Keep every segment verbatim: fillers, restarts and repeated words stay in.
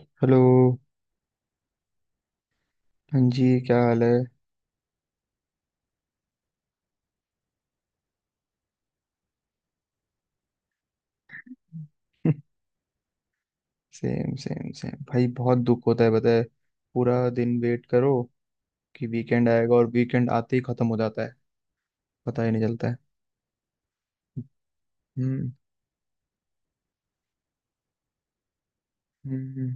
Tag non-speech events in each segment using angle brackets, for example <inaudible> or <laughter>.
Hello. हाँ जी, क्या हाल है? सेम सेम सेम भाई, बहुत दुख होता है, पता है। पूरा दिन वेट करो कि वीकेंड आएगा, और वीकेंड आते ही खत्म हो जाता है। पता ही नहीं चलता है। हम्म हम्म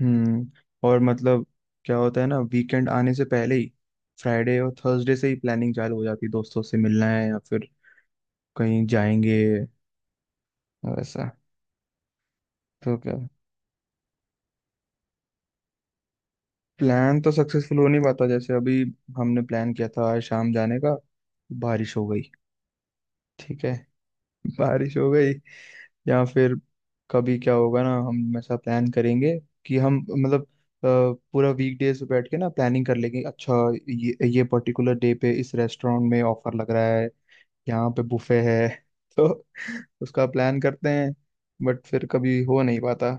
हम्म और मतलब, क्या होता है ना, वीकेंड आने से पहले ही फ्राइडे और थर्सडे से ही प्लानिंग चालू हो जाती है, दोस्तों से मिलना है या फिर कहीं जाएंगे वैसा। तो क्या, प्लान तो सक्सेसफुल हो नहीं पाता। जैसे अभी हमने प्लान किया था आज शाम जाने का, बारिश हो गई। ठीक है, बारिश हो गई। या फिर कभी क्या होगा ना, हम ऐसा प्लान करेंगे कि हम मतलब, अ, पूरा वीक डेज पे बैठ के ना प्लानिंग कर लेंगे। अच्छा, ये ये पर्टिकुलर डे पे इस रेस्टोरेंट में ऑफर लग रहा है, यहाँ पे बुफे है। <laughs> तो उसका प्लान करते हैं, बट फिर कभी हो नहीं पाता।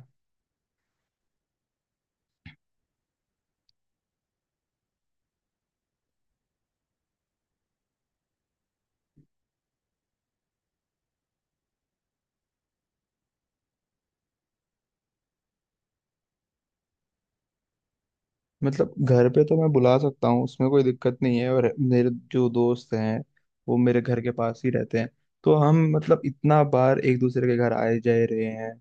मतलब घर पे तो मैं बुला सकता हूँ, उसमें कोई दिक्कत नहीं है। और मेरे जो दोस्त हैं, वो मेरे घर के पास ही रहते हैं। तो हम मतलब इतना बार एक दूसरे के घर आए जाए रहे हैं,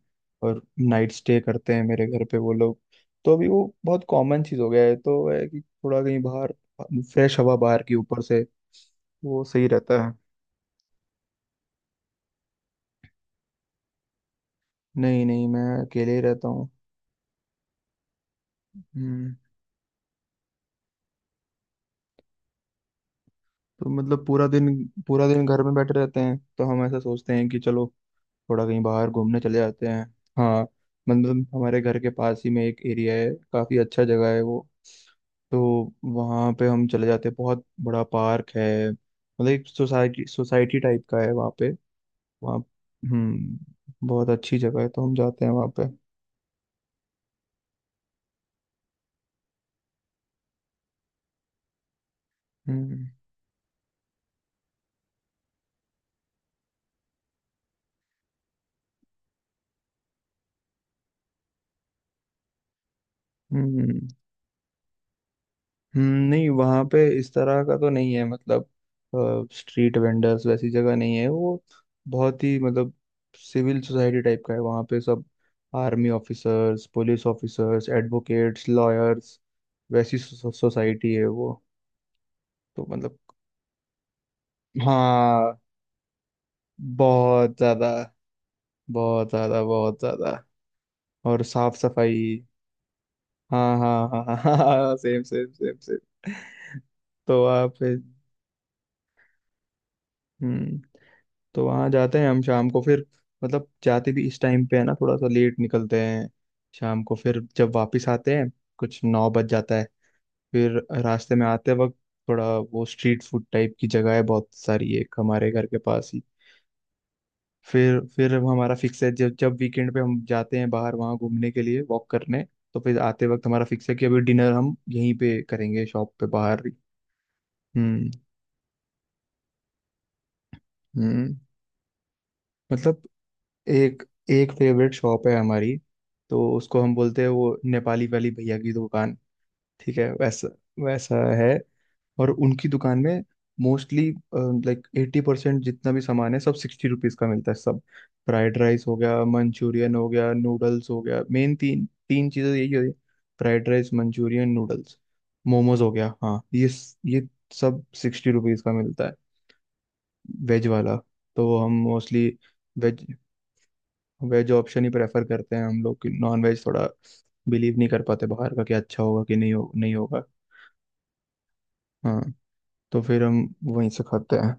और नाइट स्टे करते हैं मेरे घर पे वो लोग। तो अभी वो बहुत कॉमन चीज़ हो गया है, तो है कि थोड़ा कहीं बाहर फ्रेश हवा बाहर की ऊपर से वो सही रहता है। नहीं नहीं, मैं अकेले ही रहता हूँ। हम्म तो मतलब पूरा दिन, पूरा दिन घर में बैठे रहते हैं, तो हम ऐसा सोचते हैं कि चलो थोड़ा कहीं बाहर घूमने चले जाते हैं। हाँ, मतलब हमारे घर के पास ही में एक एरिया है, काफ़ी अच्छा जगह है वो। तो वहाँ पे हम चले जाते हैं, बहुत बड़ा पार्क है। मतलब एक सोसाइटी सोसाइटी टाइप का है वहाँ पे। वहाँ हम्म बहुत अच्छी जगह है, तो हम जाते हैं वहाँ पे। हम्म हम्म हम्म, नहीं, वहाँ पे इस तरह का तो नहीं है। मतलब स्ट्रीट वेंडर्स वैसी जगह नहीं है वो। बहुत ही मतलब सिविल सोसाइटी टाइप का है वहाँ पे। सब army officers, police officers, advocates, lawyers, वैसी सोसाइटी है वो। तो मतलब हाँ, बहुत ज्यादा, बहुत ज्यादा बहुत ज्यादा। और साफ सफाई। हाँ हाँ हाँ <laughs> हाँ, सेम सेम सेम सेम। तो आप, हम्म तो वहां जाते हैं हम शाम को। फिर मतलब जाते भी इस टाइम पे है ना, थोड़ा सा लेट निकलते हैं। शाम को फिर जब वापस आते हैं, कुछ नौ बज जाता है। फिर रास्ते में आते वक्त, थोड़ा वो स्ट्रीट फूड टाइप की जगह है बहुत सारी, एक हमारे घर के पास ही। फिर फिर हमारा फिक्स है, जब जब वीकेंड पे हम जाते हैं बाहर वहाँ घूमने के लिए, वॉक करने, तो फिर आते वक्त हमारा फिक्स है कि अभी डिनर हम यहीं पे करेंगे, शॉप पे बाहर ही। हम्म हम्म मतलब एक, एक फेवरेट शॉप है हमारी। तो उसको हम बोलते हैं वो नेपाली वाली भैया की दुकान। ठीक है, वैसा वैसा है। और उनकी दुकान में मोस्टली, लाइक एटी परसेंट जितना भी सामान है सब सिक्सटी रुपीज का मिलता है। सब, फ्राइड राइस हो गया, मंचूरियन हो गया, नूडल्स हो गया, मेन तीन तीन चीज़ें यही होती है। Fried rice, manchurian, noodles, momos हो गया, हाँ, ये ये सब सिक्सटी रुपीज का मिलता है, वेज वाला। तो हम मोस्टली वेज, वेज ऑप्शन ही प्रेफर करते हैं हम लोग। कि नॉन वेज थोड़ा बिलीव नहीं कर पाते बाहर का, कि अच्छा होगा कि नहीं, हो नहीं होगा। हाँ, तो फिर हम वहीं से खाते हैं।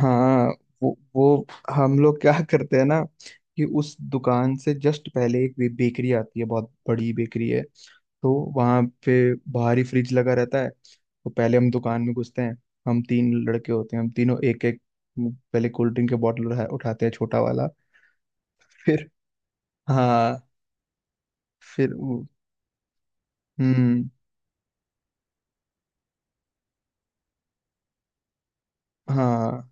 हाँ, वो वो हम लोग क्या करते हैं ना, कि उस दुकान से जस्ट पहले एक बे- बेकरी आती है, बहुत बड़ी बेकरी है। तो वहाँ पे बाहर ही फ्रिज लगा रहता है, तो पहले हम दुकान में घुसते हैं। हम तीन लड़के होते हैं, हम तीनों एक एक, पहले कोल्ड ड्रिंक के बॉटल उठा- उठाते हैं, छोटा वाला। फिर, हाँ, फिर वो- हम्म हाँ,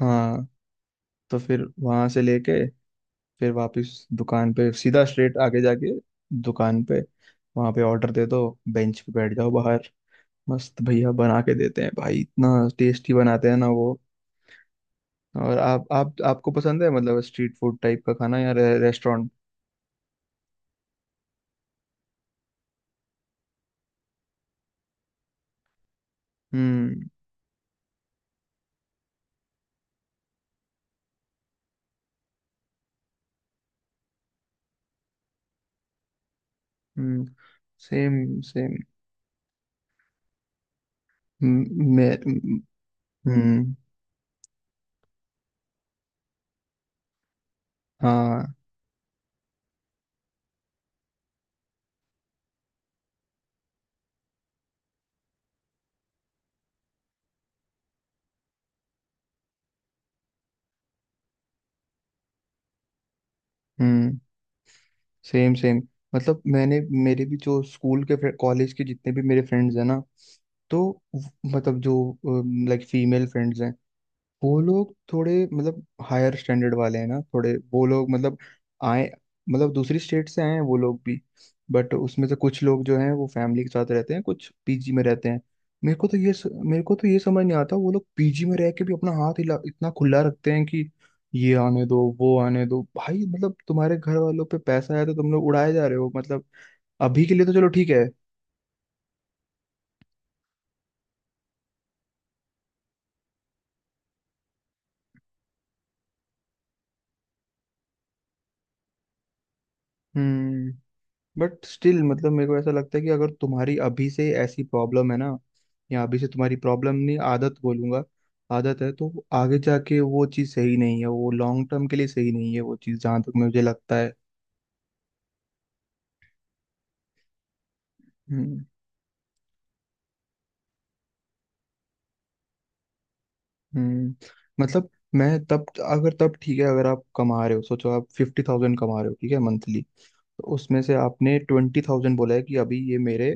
हाँ। तो फिर वहां से लेके, फिर वापस दुकान पे सीधा स्ट्रेट आगे जाके, दुकान पे वहां पे ऑर्डर दे दो, बेंच पे बैठ जाओ बाहर। मस्त भैया बना के देते हैं भाई, इतना टेस्टी बनाते हैं ना वो। और आप आप आपको पसंद है मतलब स्ट्रीट फूड टाइप का खाना या रे, रेस्टोरेंट? हम्म हम्म सेम सेम। मैं, हम्म हाँ, हम्म सेम सेम। मतलब मैंने, मेरे भी जो स्कूल के, कॉलेज के जितने भी मेरे फ्रेंड्स हैं ना, तो व- मतलब जो लाइक फीमेल फ्रेंड्स हैं, वो लोग थोड़े मतलब हायर स्टैंडर्ड वाले हैं ना, थोड़े वो लोग मतलब आए, मतलब दूसरी स्टेट से आए हैं वो लोग भी। बट उसमें से कुछ लोग जो हैं वो फैमिली के साथ रहते हैं, कुछ पी जी में रहते हैं। मेरे को तो ये स- मेरे को तो ये समझ नहीं आता, वो लोग पी जी में रह के भी अपना हाथ हिला इतना खुला रखते हैं कि ये आने दो, वो आने दो। भाई मतलब तुम्हारे घर वालों पे पैसा आया तो तुम लोग उड़ाए जा रहे हो मतलब। अभी के लिए तो चलो ठीक है। हम्म बट स्टिल, मतलब मेरे को ऐसा लगता है कि अगर तुम्हारी अभी से ऐसी प्रॉब्लम है ना, या अभी से तुम्हारी प्रॉब्लम नहीं, आदत बोलूंगा, आदत है, तो आगे जाके वो चीज़ सही नहीं है। वो लॉन्ग टर्म के लिए सही नहीं है वो चीज़, जहाँ तक मुझे लगता है। हम्म हम्म मतलब मैं तब, अगर तब ठीक है, अगर आप कमा रहे हो सोचो आप फिफ्टी थाउजेंड कमा रहे हो, ठीक है, मंथली। तो उसमें से आपने ट्वेंटी थाउजेंड बोला है कि अभी ये मेरे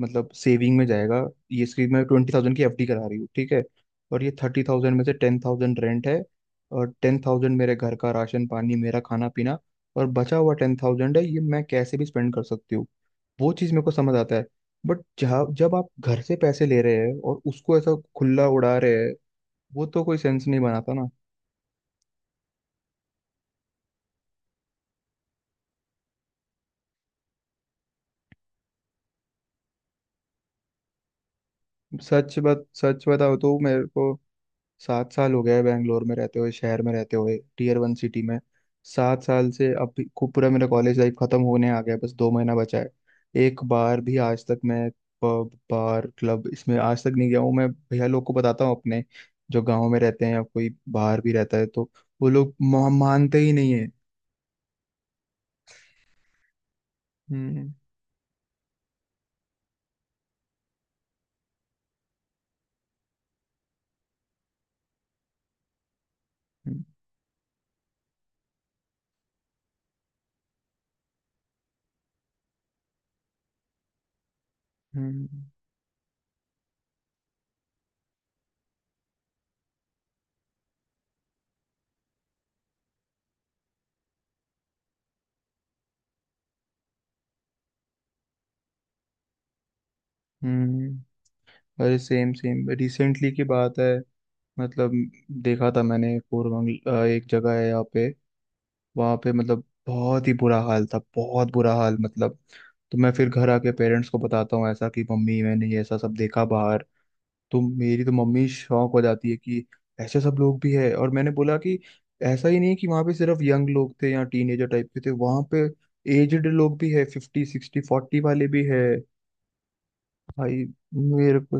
मतलब सेविंग में जाएगा। ये इसकी मैं ट्वेंटी थाउजेंड की ए फ डी करा रही हूँ, ठीक है। और ये थर्टी थाउजेंड में से टेन थाउजेंड रेंट है, और टेन थाउजेंड मेरे घर का राशन पानी, मेरा खाना पीना, और बचा हुआ टेन थाउजेंड है, ये मैं कैसे भी स्पेंड कर सकती हूँ, वो चीज़ मेरे को समझ आता है। बट जहाँ जब आप घर से पैसे ले रहे हैं और उसको ऐसा खुला उड़ा रहे हैं, वो तो कोई सेंस नहीं बनाता ना। सच बात सच बताओ तो मेरे को सात साल हो गया है बैंगलोर में रहते हुए, शहर में रहते हुए, टीयर वन सिटी में। सात साल से अब भी- खूब पूरा मेरा कॉलेज लाइफ खत्म होने आ गया है, बस दो महीना बचा है। एक बार भी आज तक मैं पब, बार, क्लब इसमें आज तक नहीं गया हूँ। मैं भैया लोग को बताता हूँ अपने, जो गाँव में रहते हैं, या कोई बाहर भी रहता है, तो वो लोग मा- मानते ही नहीं है। हम्म हम्म हम्म हम्म। अरे सेम सेम, रिसेंटली की बात है, मतलब देखा था मैंने, कोरबंग अ, एक जगह है यहाँ पे। वहां पे मतलब बहुत ही बुरा हाल था, बहुत बुरा हाल मतलब। तो मैं फिर घर आके पेरेंट्स को बताता हूँ ऐसा कि मम्मी मैंने ये ऐसा सब देखा बाहर। तो मेरी तो मम्मी शॉक हो जाती है कि ऐसे सब लोग भी है। और मैंने बोला कि ऐसा ही नहीं कि वहां पे सिर्फ यंग लोग थे या टीनेजर टाइप के थे। वहां पे एजड लोग भी है, फिफ्टी सिक्सटी फोर्टी वाले भी है भाई। मेरे को,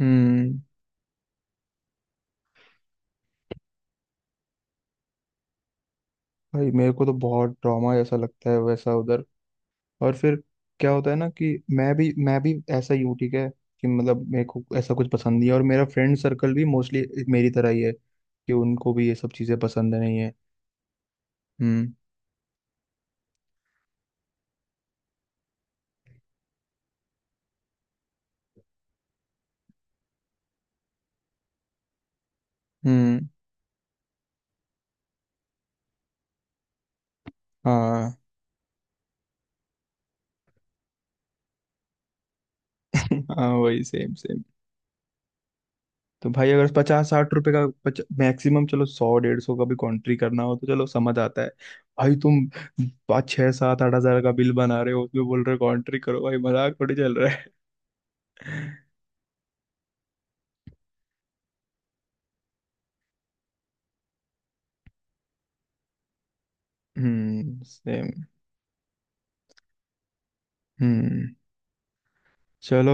हम्म भाई मेरे को तो बहुत ड्रामा ऐसा लगता है वैसा उधर। और फिर क्या होता है ना, कि मैं भी मैं भी ऐसा ही हूँ ठीक है। कि मतलब मेरे को ऐसा कुछ पसंद नहीं है, और मेरा फ्रेंड सर्कल भी मोस्टली मेरी तरह ही है, कि उनको भी ये सब चीज़ें पसंद नहीं है। हम्म हम्म हाँ <laughs> हाँ वही सेम सेम। तो भाई, अगर पचास साठ रुपए का पच, मैक्सिमम चलो सौ डेढ़ सौ का भी कॉन्ट्री करना हो तो चलो समझ आता है। भाई तुम पाँच छः सात आठ हजार का बिल बना रहे हो, उसमें बोल रहे हो कॉन्ट्री करो, भाई मजाक थोड़ी चल रहा है? <laughs> हम्म सेम हम्म चलो,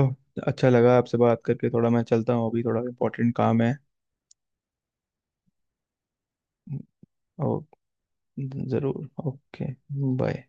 अच्छा लगा आपसे बात करके। थोड़ा मैं चलता हूँ अभी, थोड़ा इम्पोर्टेंट काम है। ओ, जरूर, ओके, बाय।